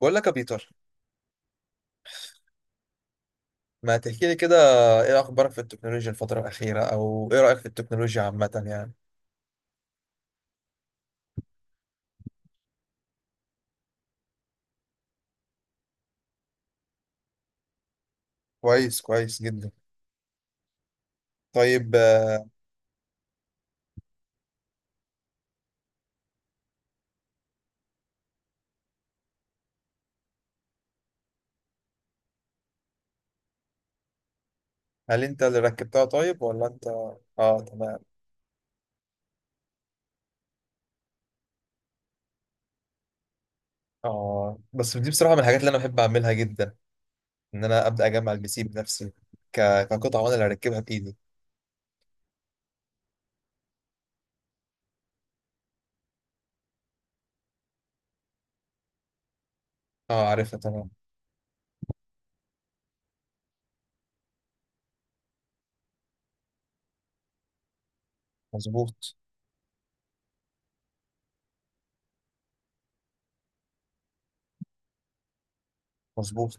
بقول لك يا بيتر، ما تحكي لي كده. ايه اخبارك في التكنولوجيا الفتره الاخيره؟ او ايه رايك في التكنولوجيا عامه يعني؟ كويس، كويس جدا. طيب، هل انت اللي ركبتها طيب ولا انت؟ اه، تمام. اه، بس دي بصراحه من الحاجات اللي انا بحب اعملها جدا، ان انا ابدا اجمع البي سي بنفسي. ك... كقطعه، وانا اللي اركبها بايدي. اه، عارفها تمام. مظبوط، مظبوط.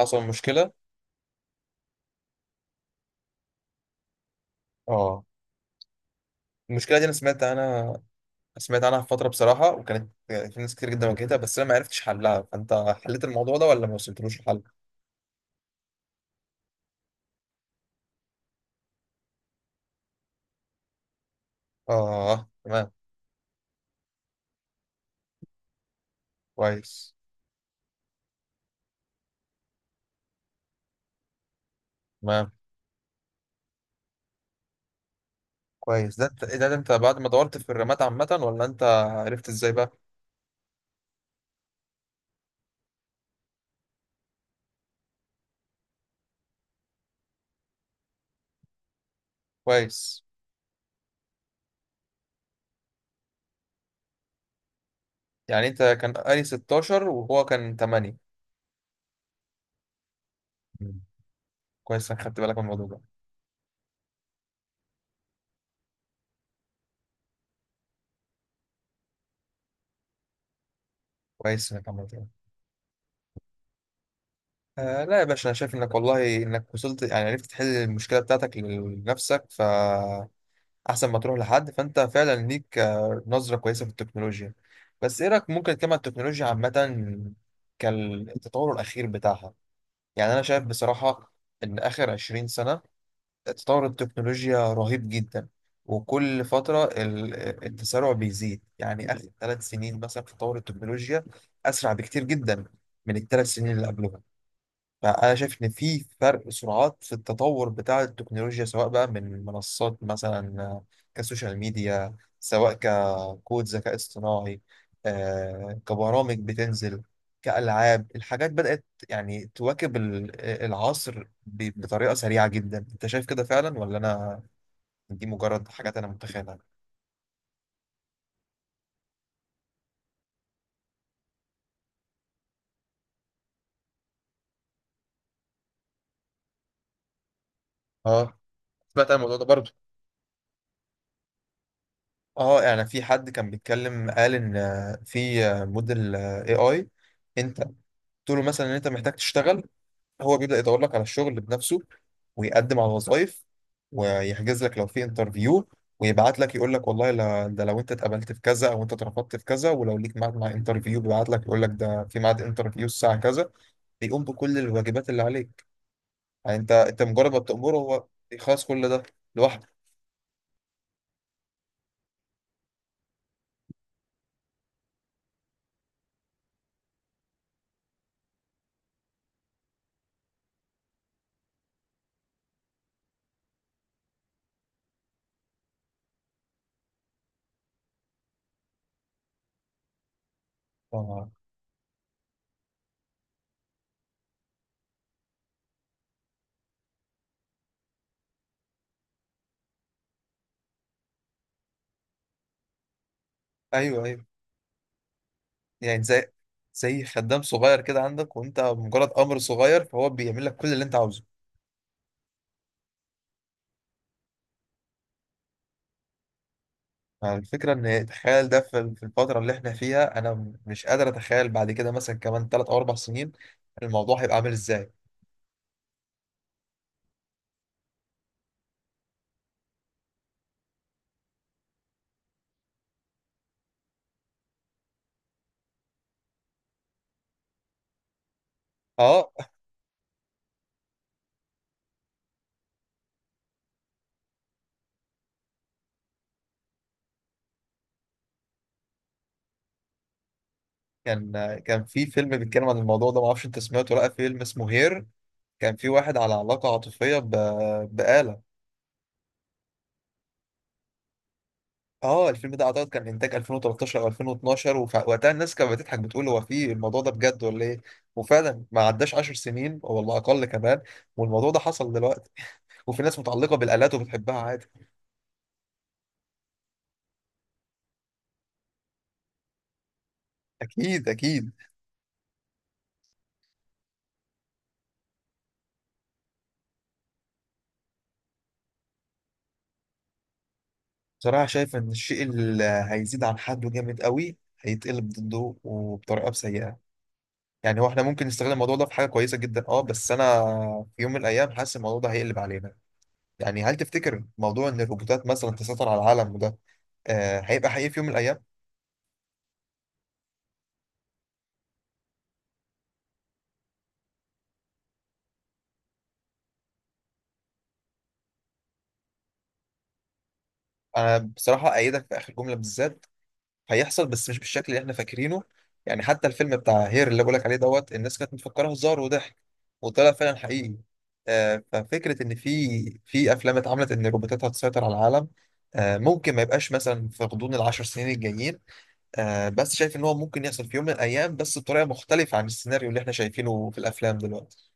حصل مشكله، اه. المشكله دي انا سمعت عنها. سمعت عنها في فترة بصراحة، وكانت في ناس كتير جدا واجهتها، بس أنا ما عرفتش حلها. فأنت حليت الموضوع ده ولا ما وصلتلوش الحل؟ آه، تمام. كويس. تمام، كويس. إيه ده، أنت بعد ما دورت في الرمات عامة، ولا أنت عرفت إزاي بقى؟ كويس. يعني أنت كان قاري 16 وهو كان 8. مم. كويس إنك خدت بالك من الموضوع ده. كويس إنك عملت كده. آه، لا يا باشا. أنا شايف إنك والله إنك وصلت، يعني عرفت تحل المشكلة بتاعتك لنفسك، ف احسن ما تروح لحد. فانت فعلا ليك نظره كويسه في التكنولوجيا. بس ايه رايك ممكن نتكلم عن التكنولوجيا عامه، كالتطور الاخير بتاعها؟ يعني انا شايف بصراحه ان اخر 20 سنه تطور التكنولوجيا رهيب جدا، وكل فتره التسارع بيزيد. يعني اخر 3 سنين مثلا في تطور التكنولوجيا اسرع بكتير جدا من الثلاث سنين اللي قبلهم. فأنا شايف إن في فرق سرعات في التطور بتاع التكنولوجيا، سواء بقى من منصات مثلا كسوشيال ميديا، سواء ككود ذكاء اصطناعي، كبرامج بتنزل، كألعاب. الحاجات بدأت يعني تواكب العصر بطريقة سريعة جدا. أنت شايف كده فعلا، ولا أنا دي مجرد حاجات أنا متخيلها؟ اه، سمعت عن الموضوع ده برضه. اه، يعني في حد كان بيتكلم قال ان في موديل اي اي. انت قلت له مثلا ان انت محتاج تشتغل، هو بيبدأ يدور لك على الشغل بنفسه، ويقدم على وظائف، ويحجز لك لو في انترفيو، ويبعت لك يقول لك والله لا، ده لو انت اتقبلت في كذا او انت اترفضت في كذا، ولو ليك ميعاد مع انترفيو بيبعت لك يقول لك ده في ميعاد انترفيو الساعة كذا. بيقوم بكل الواجبات اللي عليك. يعني انت مجرد ما بتأمره هو يخلص كل ده لوحده. آه. ايوه، ايوه. يعني زي خدام صغير كده عندك، وانت مجرد امر صغير فهو بيعمل لك كل اللي انت عاوزه. الفكرة إن تخيل ده في الفترة اللي إحنا فيها، أنا مش قادر أتخيل بعد كده مثلا كمان 3 أو 4 سنين الموضوع هيبقى عامل إزاي. أه، كان في فيلم بيتكلم عن الموضوع ده، معرفش أنت سمعته ولا لأ. فيلم اسمه هير، كان في واحد على علاقة عاطفية بآلة. أه، الفيلم ده أعتقد كان إنتاج 2013 أو 2012، ووقتها الناس كانت بتضحك بتقول هو في الموضوع ده بجد ولا إيه. وفعلا ما عداش 10 سنين، والله أقل كمان، والموضوع ده حصل دلوقتي، وفي ناس متعلقة بالآلات وبتحبها عادي. أكيد، أكيد. بصراحة شايف إن الشيء اللي هيزيد عن حده جامد قوي هيتقلب ضده وبطريقة سيئة. يعني هو احنا ممكن نستغل الموضوع ده في حاجة كويسة جدا، اه، بس أنا في يوم من الأيام حاسس الموضوع ده هيقلب علينا. يعني هل تفتكر موضوع إن الروبوتات مثلا تسيطر على العالم، وده هيبقى حقيقي في يوم من الأيام؟ أنا بصراحة أيدك في آخر جملة بالذات. هيحصل بس مش بالشكل اللي احنا فاكرينه. يعني حتى الفيلم بتاع هير اللي بقولك عليه دوت، الناس كانت مفكره هزار وضحك، وطلع فعلا حقيقي. ففكره ان في افلام اتعملت ان الروبوتات هتسيطر على العالم، ممكن ما يبقاش مثلا في غضون العشر سنين الجايين. بس شايف ان هو ممكن يحصل في يوم من الايام بس بطريقه مختلفه عن السيناريو اللي احنا شايفينه في الافلام دلوقتي.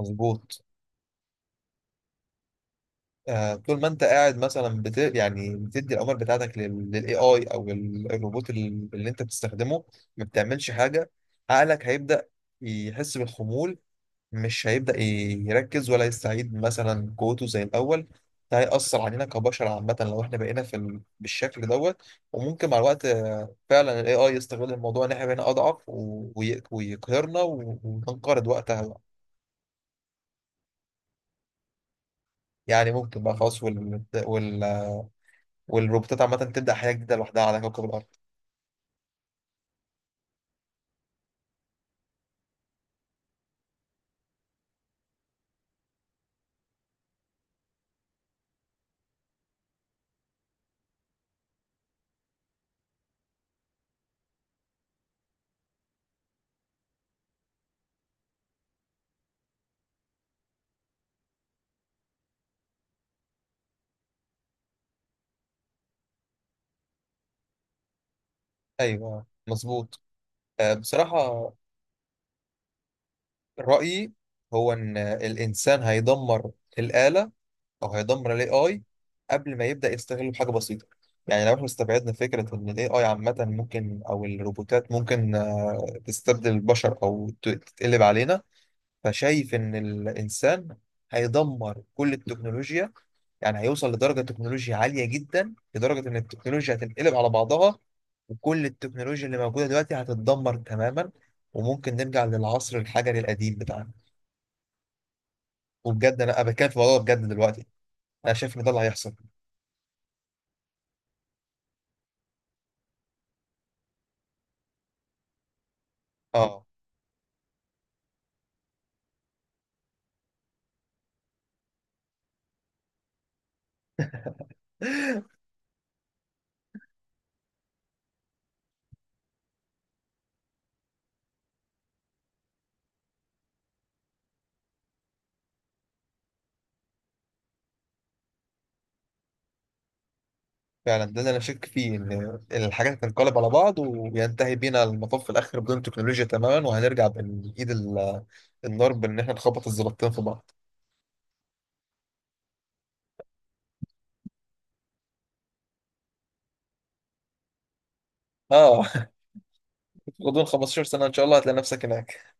مظبوط. طول ما انت قاعد مثلا يعني بتدي الاوامر بتاعتك للاي اي او الروبوت اللي انت بتستخدمه ما بتعملش حاجه. عقلك هيبدا يحس بالخمول، مش هيبدا يركز ولا يستعيد مثلا قوته زي الاول. ده هيأثر علينا كبشر عامة لو احنا بقينا بالشكل دوت. وممكن مع الوقت فعلا الاي اي يستغل الموضوع ان احنا بقينا اضعف ويقهرنا وننقرض وقتها بقى. يعني ممكن بقى خلاص والروبوتات عامة تبدأ حياة جديدة لوحدها على كوكب الأرض. أيوه، مظبوط. بصراحة رأيي هو إن الإنسان هيدمر الآلة، أو هيدمر ال AI قبل ما يبدأ يستغله بحاجة بسيطة. يعني لو احنا استبعدنا فكرة إن ال AI عامة ممكن، أو الروبوتات ممكن تستبدل البشر أو تتقلب علينا، فشايف إن الإنسان هيدمر كل التكنولوجيا. يعني هيوصل لدرجة تكنولوجيا عالية جدا لدرجة إن التكنولوجيا هتنقلب على بعضها، وكل التكنولوجيا اللي موجودة دلوقتي هتتدمر تماما، وممكن نرجع للعصر الحجري القديم بتاعنا. وبجد أنا بتكلم في الموضوع ده بجد دلوقتي. أنا شايف إن ده اللي هيحصل. آه فعلا ده اللي أنا شاك فيه، إن الحاجات هتنقلب على بعض وينتهي بينا المطاف في الآخر بدون تكنولوجيا تماما، وهنرجع بإيد النار، بإن إحنا نخبط الزلطتين في بعض. آه غضون 15 سنة إن شاء الله هتلاقي نفسك هناك.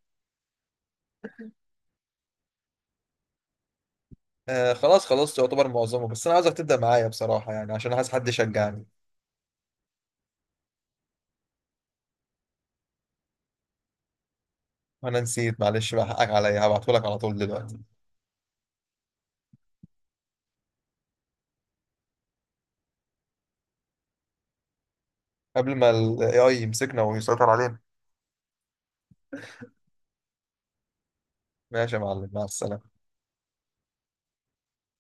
آه، خلاص خلصت يعتبر معظمه، بس انا عاوزك تبدا معايا بصراحه، يعني عشان عايز حد يشجعني. وانا نسيت، معلش بقى حقك عليا، هبعتهولك على طول دلوقتي. قبل ما الاي اي يمسكنا ويسيطر علينا. ماشي يا معلم، مع السلامه.